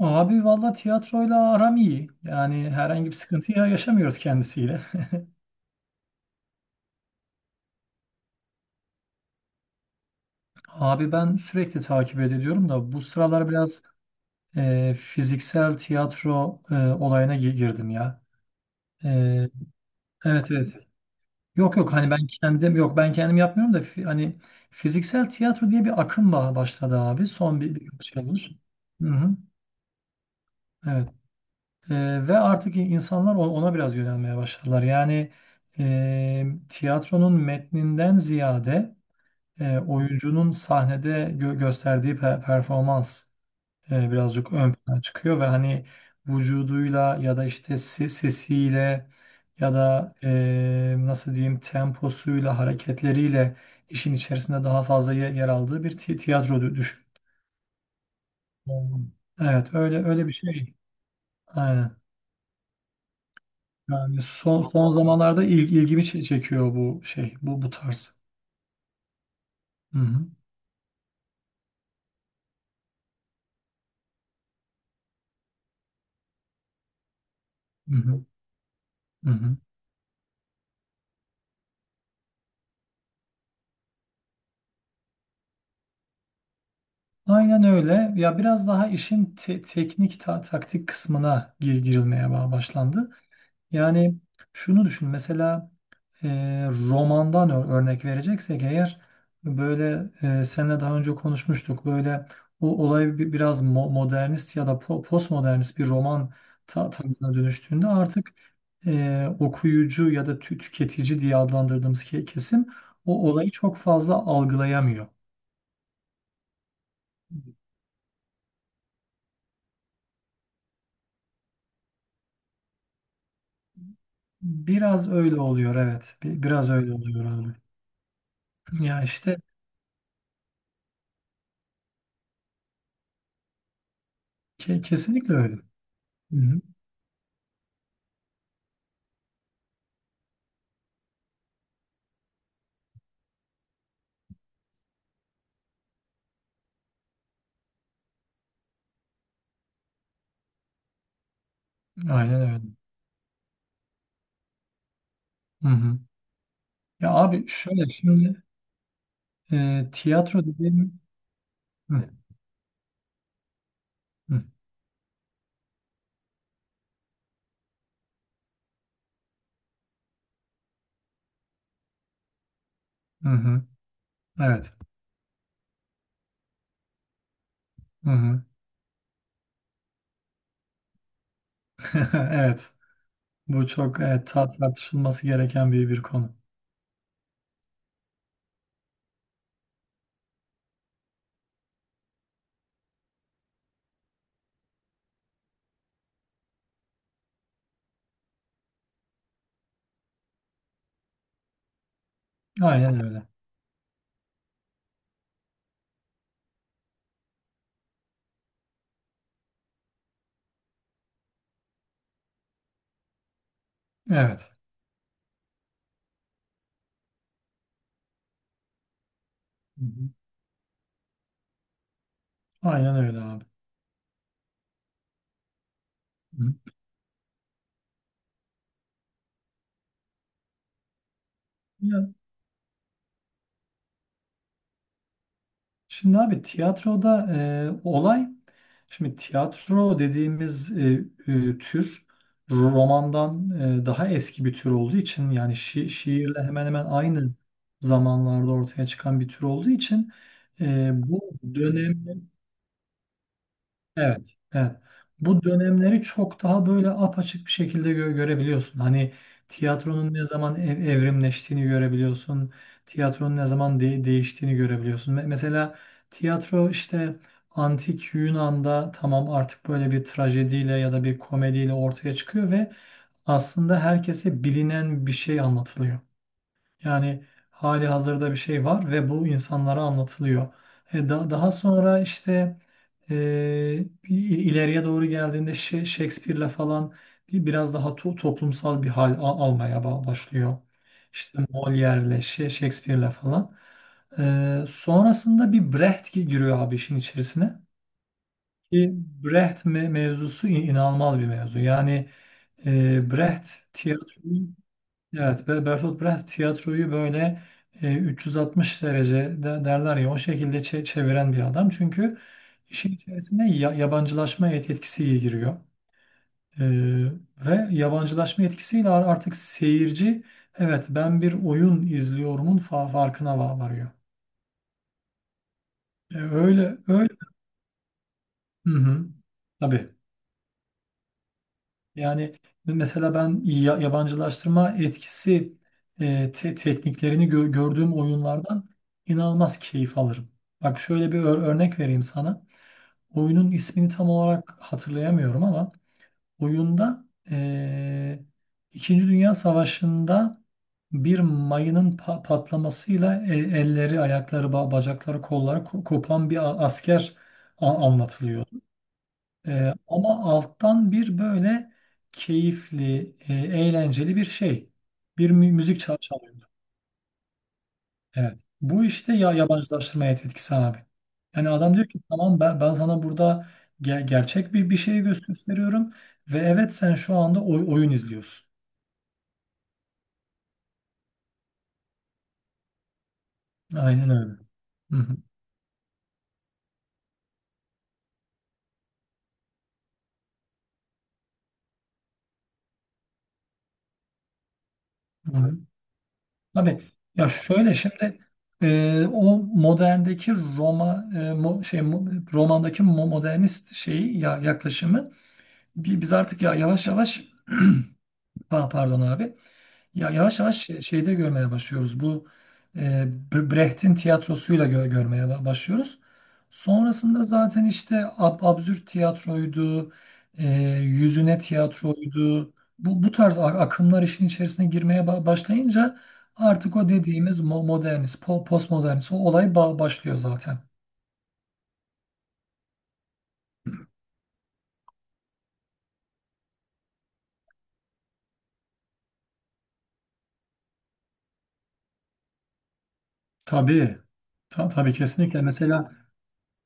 Abi valla tiyatroyla aram iyi. Yani herhangi bir sıkıntı yaşamıyoruz kendisiyle. Abi ben sürekli takip ediyorum da bu sıralar biraz fiziksel tiyatro olayına girdim ya. E, evet evet. Yok yok hani ben kendim yok ben kendim yapmıyorum da hani fiziksel tiyatro diye bir akım başladı abi son birkaç yıldır. Hı hı, evet. Ve artık insanlar ona biraz yönelmeye başladılar. Yani tiyatronun metninden ziyade oyuncunun sahnede gösterdiği performans birazcık ön plana çıkıyor ve hani vücuduyla ya da işte sesiyle ya da nasıl diyeyim temposuyla hareketleriyle işin içerisinde daha fazla yer aldığı bir tiyatro düşün. Hmm. Evet öyle bir şey. Aynen. Yani son zamanlarda ilgimi çekiyor bu şey bu tarz. Hı hı. Hı hı. Hı hı. Aynen öyle. Ya biraz daha işin teknik taktik kısmına girilmeye başlandı. Yani şunu düşün mesela e, romandan örnek vereceksek eğer böyle seninle daha önce konuşmuştuk. Böyle o olay biraz modernist ya da postmodernist bir roman tarzına dönüştüğünde artık okuyucu ya da tüketici diye adlandırdığımız kesim o olayı çok fazla algılayamıyor. Biraz öyle oluyor evet. Biraz öyle oluyor abi. Ya işte kesinlikle öyle. Hı-hı. Aynen öyle. Hı-hı. Ya abi şöyle şimdi tiyatro dediğim. Hı, hı, hı hı. Evet. Hı-hı. Evet. Bu çok evet, tartışılması gereken bir konu. Aynen öyle. Evet. Hı-hı. Aynen öyle abi. Hı. Ya, şimdi abi tiyatroda olay, şimdi tiyatro dediğimiz tür romandan daha eski bir tür olduğu için yani şiirle hemen hemen aynı zamanlarda ortaya çıkan bir tür olduğu için bu dönem. Evet, evet. Bu dönemleri çok daha böyle apaçık bir şekilde görebiliyorsun. Hani tiyatronun ne zaman evrimleştiğini görebiliyorsun. Tiyatronun ne zaman değiştiğini görebiliyorsun. Mesela tiyatro işte antik Yunan'da tamam artık böyle bir trajediyle ya da bir komediyle ortaya çıkıyor ve aslında herkese bilinen bir şey anlatılıyor. Yani hali hazırda bir şey var ve bu insanlara anlatılıyor. Daha sonra işte e, ileriye doğru geldiğinde Shakespeare'le falan biraz daha toplumsal bir hal almaya başlıyor. İşte Molière'le, Shakespeare'le falan. Sonrasında bir Brecht giriyor abi işin içerisine. Ki Brecht mevzusu inanılmaz bir mevzu. Yani Brecht tiyatroyu. Evet. Bertolt Brecht tiyatroyu böyle 360 derece derler ya o şekilde çeviren bir adam. Çünkü işin içerisine yabancılaşma etkisi giriyor. E, ve yabancılaşma etkisiyle artık seyirci evet ben bir oyun izliyorumun farkına varıyor. Öyle öyle. Hı hı. Tabii. Yani mesela ben yabancılaştırma etkisi tekniklerini gördüğüm oyunlardan inanılmaz keyif alırım. Bak şöyle bir örnek vereyim sana. Oyunun ismini tam olarak hatırlayamıyorum ama oyunda e, İkinci Dünya Savaşı'nda bir mayının patlamasıyla elleri, ayakları, bacakları, kolları kopan bir asker anlatılıyor. Ama alttan bir böyle keyifli, eğlenceli bir şey. Bir müzik çalıyordu. Evet. Bu işte ya yabancılaştırmaya etkisi abi. Yani adam diyor ki tamam ben sana burada gerçek bir şeyi gösteriyorum ve evet sen şu anda oyun izliyorsun. Aynen öyle. Hı hı. Hı hı. Tabii ya şöyle şimdi o moderndeki romandaki modernist şeyi ya yaklaşımı. Biz artık ya yavaş yavaş pardon abi ya yavaş yavaş şeyde görmeye başlıyoruz. Bu e, Brecht'in tiyatrosuyla görmeye başlıyoruz. Sonrasında zaten işte absürt tiyatroydu, e, yüzüne tiyatroydu. Bu tarz akımlar işin içerisine girmeye başlayınca artık o dediğimiz modernist, postmodernist o olay başlıyor zaten. Tabii. Tabii kesinlikle. Mesela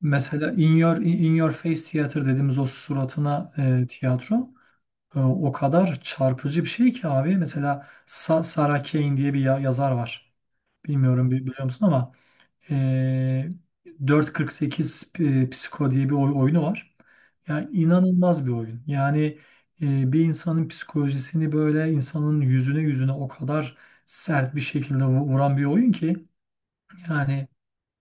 Mesela In Your Face Theater dediğimiz o suratına tiyatro o kadar çarpıcı bir şey ki abi. Mesela Sarah Kane diye bir yazar var. Bilmiyorum biliyor musun ama e, 4.48 Psiko diye bir oyunu var. Yani inanılmaz bir oyun. Yani bir insanın psikolojisini böyle insanın yüzüne yüzüne o kadar sert bir şekilde vuran bir oyun ki yani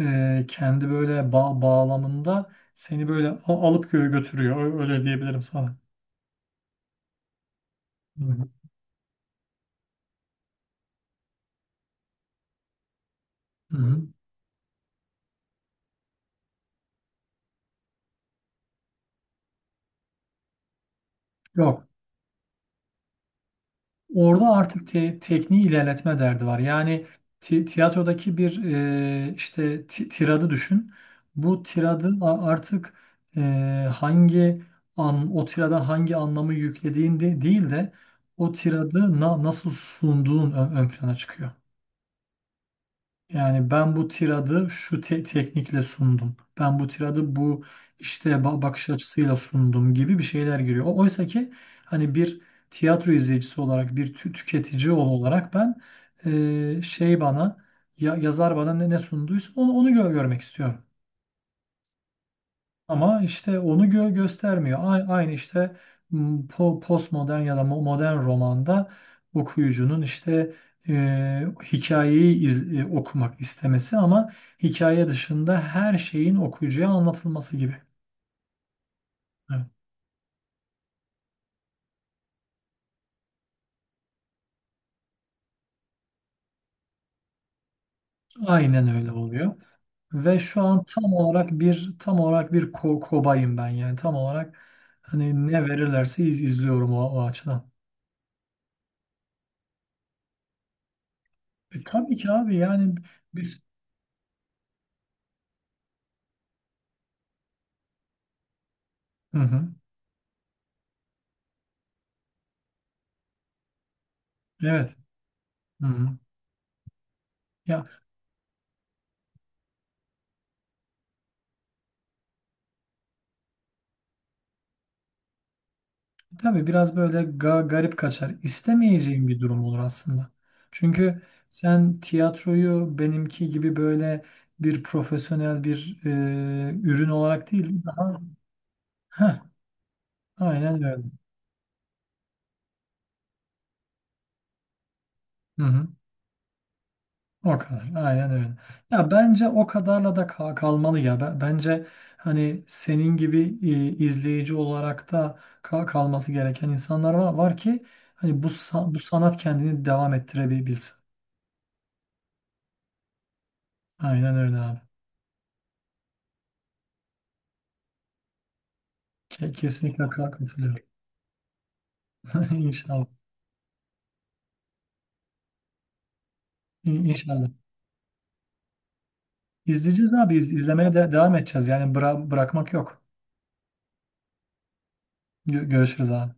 kendi böyle bağlamında seni böyle alıp götürüyor. Öyle diyebilirim sana. Hı hı. Hı hı. Yok. Orada artık tekniği ilerletme derdi var. Yani tiyatrodaki bir işte tiradı düşün. Bu tiradı artık e, hangi an o tirada hangi anlamı yüklediğin de değil de o tiradı nasıl sunduğun ön plana çıkıyor. Yani ben bu tiradı şu teknikle sundum. Ben bu tiradı bu işte bakış açısıyla sundum gibi bir şeyler giriyor. Oysa ki hani bir tiyatro izleyicisi olarak, bir tüketici olarak ben şey bana ya, yazar bana ne sunduysa onu görmek istiyorum. Ama işte onu göstermiyor. Aynı işte m, postmodern ya da modern romanda okuyucunun işte e, hikayeyi okumak istemesi ama hikaye dışında her şeyin okuyucuya anlatılması gibi. Evet, aynen öyle oluyor. Ve şu an tam olarak bir kobayım ben yani tam olarak hani ne verirlerse izliyorum o açıdan. Tabii ki abi yani biz. Hı hı, evet. Hı hı. Ya, tabii biraz böyle garip kaçar. İstemeyeceğim bir durum olur aslında. Çünkü sen tiyatroyu benimki gibi böyle bir profesyonel bir ürün olarak değil daha. Heh, aynen öyle. Hı hı. O kadar. Aynen öyle. Ya bence o kadarla da kalmalı ya. Bence hani senin gibi izleyici olarak da kalması gereken insanlar var ki hani bu sanat kendini devam ettirebilsin. Aynen öyle abi. Kesinlikle haklı katılıyorum. İnşallah. İnşallah. İzleyeceğiz abi. İz- izlemeye de devam edeceğiz. Yani bırakmak yok. Görüşürüz abi.